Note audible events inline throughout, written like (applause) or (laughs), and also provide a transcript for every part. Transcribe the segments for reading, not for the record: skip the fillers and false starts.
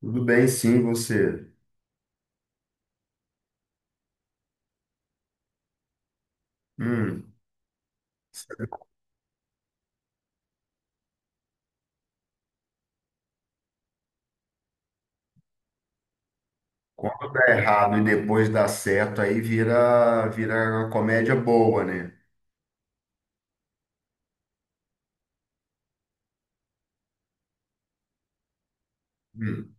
Tudo bem, sim, você. Hum, quando dá errado e depois dá certo, aí vira uma comédia boa, né? Hum,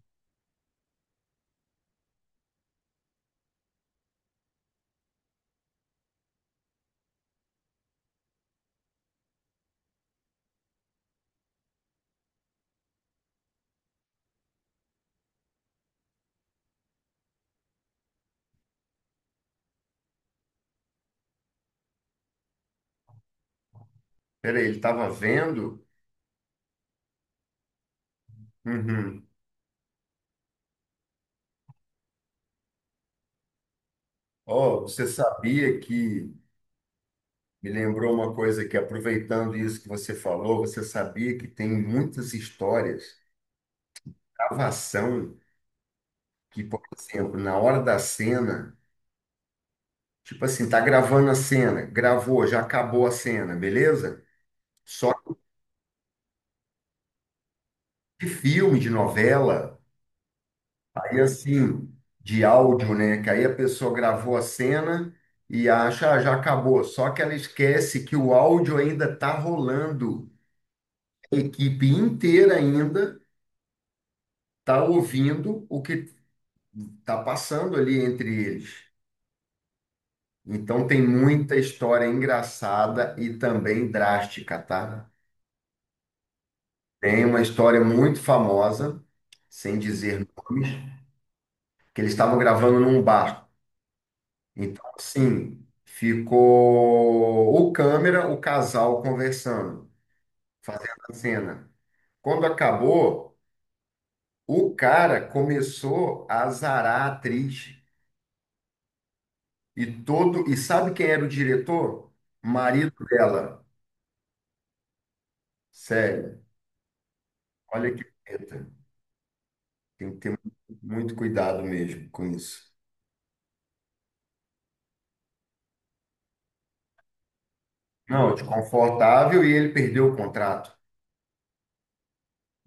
peraí, ele estava vendo? Uhum. Oh, você sabia que. Me lembrou uma coisa que, aproveitando isso que você falou, você sabia que tem muitas histórias, gravação, que, por exemplo, na hora da cena, tipo assim, tá gravando a cena, gravou, já acabou a cena, beleza? Só que de filme, de novela. Aí assim, de áudio, né? Que aí a pessoa gravou a cena e acha, ah, já acabou. Só que ela esquece que o áudio ainda está rolando. A equipe inteira ainda está ouvindo o que está passando ali entre eles. Então tem muita história engraçada e também drástica, tá? Tem uma história muito famosa, sem dizer nomes, que eles estavam gravando num bar. Então, assim, ficou o câmera, o casal conversando, fazendo a cena. Quando acabou, o cara começou a azarar a atriz e todo, e sabe quem era o diretor? Marido dela. Sério, olha que treta. Tem que ter muito cuidado mesmo com isso. Não, desconfortável e ele perdeu o contrato.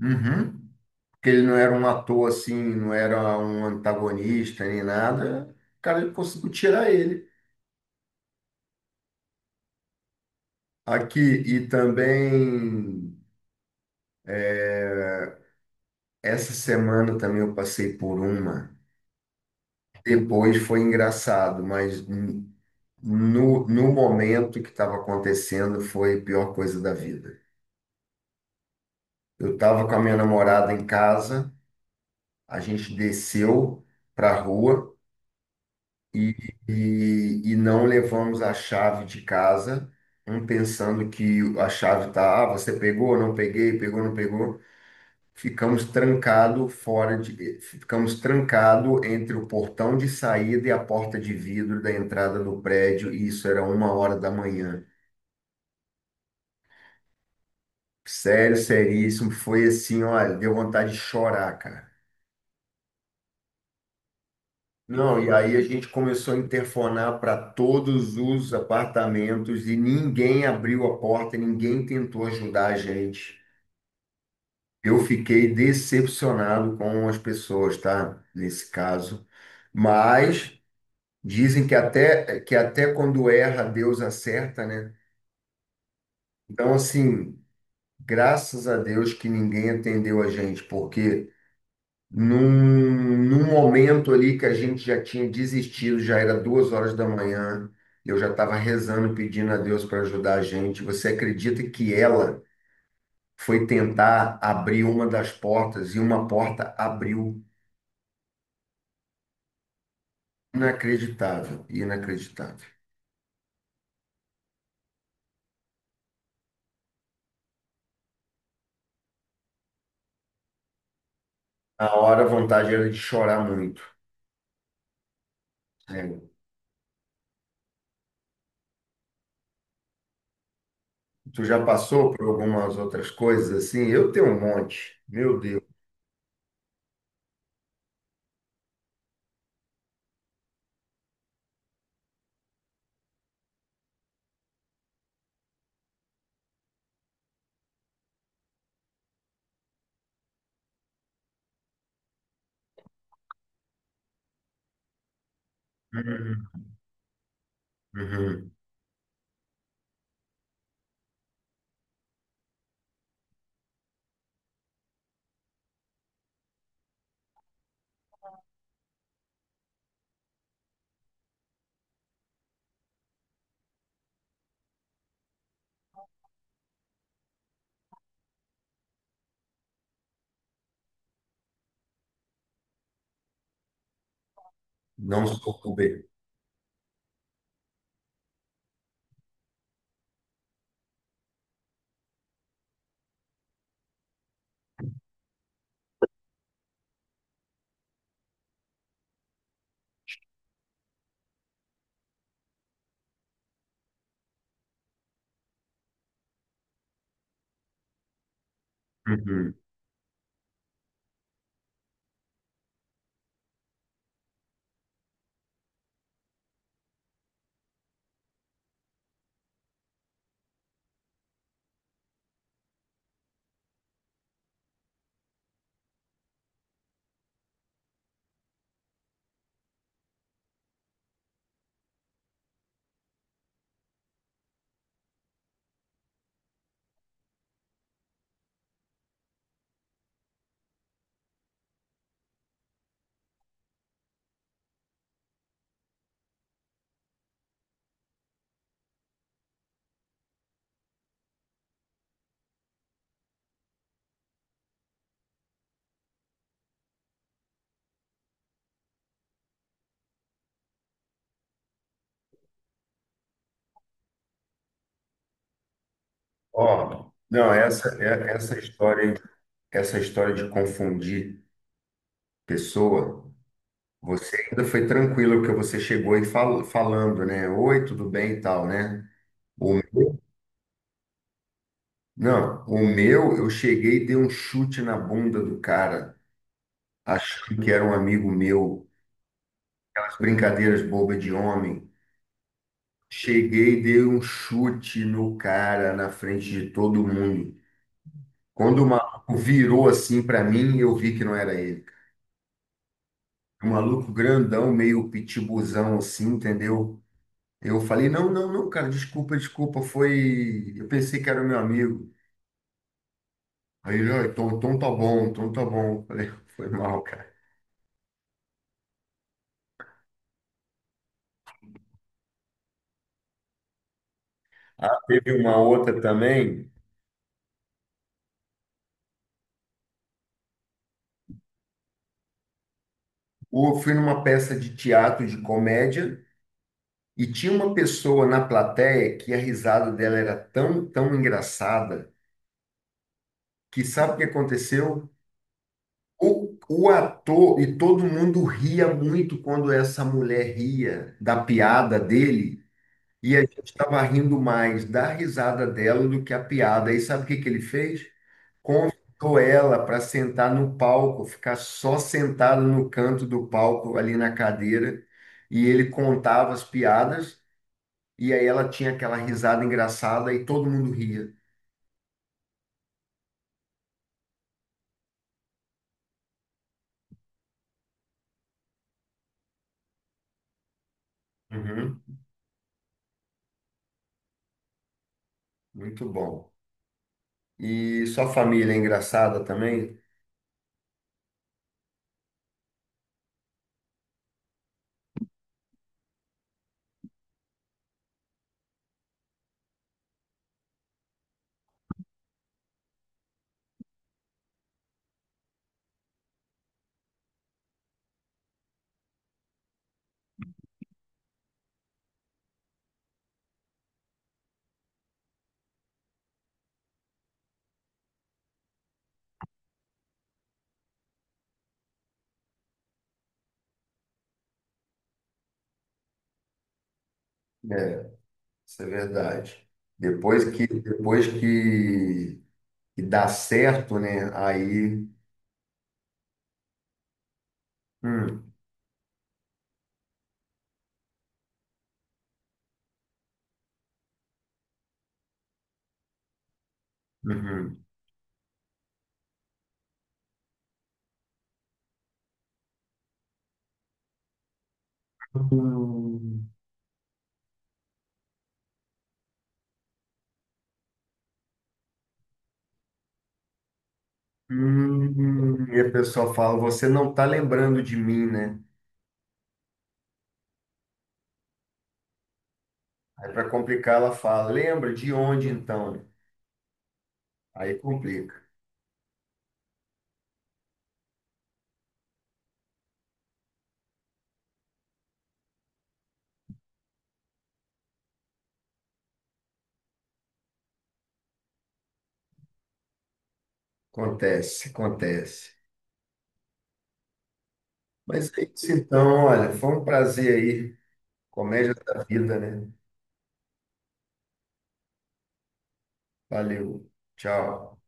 Uhum. Que ele não era um ator assim, não era um antagonista nem nada, o cara conseguiu tirar ele. Aqui, e também, essa semana também eu passei por uma. Depois foi engraçado, mas no momento que estava acontecendo foi a pior coisa da vida. Eu estava com a minha namorada em casa, a gente desceu para a rua. E, e não levamos a chave de casa, um pensando que a chave tá, ah, você pegou, não peguei, pegou, não pegou. Ficamos trancado fora de, ficamos trancado entre o portão de saída e a porta de vidro da entrada do prédio, e isso era 1 hora da manhã. Sério, seríssimo, foi assim, olha, deu vontade de chorar, cara. Não, e aí a gente começou a interfonar para todos os apartamentos e ninguém abriu a porta, ninguém tentou ajudar a gente. Eu fiquei decepcionado com as pessoas, tá? Nesse caso. Mas dizem que até quando erra, Deus acerta, né? Então, assim, graças a Deus que ninguém atendeu a gente, porque num momento ali que a gente já tinha desistido, já era 2 horas da manhã, eu já estava rezando, pedindo a Deus para ajudar a gente. Você acredita que ela foi tentar abrir uma das portas e uma porta abriu? Inacreditável, inacreditável. A hora a vontade era de chorar muito. Sério. Tu já passou por algumas outras coisas assim? Eu tenho um monte, meu Deus. Uhum, uhum. Não sou Uber. Uhum. Ó, não, essa história de confundir pessoa, você ainda foi tranquilo porque você chegou e falando, né? Oi, tudo bem e tal, né? O meu, não, o meu, eu cheguei e dei um chute na bunda do cara, achando que era um amigo meu. Aquelas brincadeiras bobas de homem. Cheguei e dei um chute no cara na frente de todo mundo. Quando o maluco virou assim para mim, eu vi que não era ele. Um maluco grandão, meio pitibuzão assim, entendeu? Eu falei, não, não, não, cara, desculpa, desculpa, foi. Eu pensei que era meu amigo. Aí ele, "Ah, então tá bom, então tá bom. Eu falei, (laughs) foi mal, cara. Ah, teve uma outra também. Eu fui numa peça de teatro de comédia e tinha uma pessoa na plateia que a risada dela era tão engraçada que sabe o que aconteceu? O ator e todo mundo ria muito quando essa mulher ria da piada dele, e a gente estava rindo mais da risada dela do que a piada. E sabe o que que ele fez? Convidou ela para sentar no palco, ficar só sentado no canto do palco, ali na cadeira, e ele contava as piadas, e aí ela tinha aquela risada engraçada e todo mundo ria. Uhum, muito bom. E sua família é engraçada também? É. Isso é verdade. Depois que dá certo, né? Aí. Hum, uhum. Hum, e a pessoa fala, você não está lembrando de mim, né? Aí para complicar, ela fala, lembra de onde então? Aí complica. Acontece, acontece. Mas é isso então, olha, foi um prazer aí. Comédia da vida, né? Valeu. Tchau.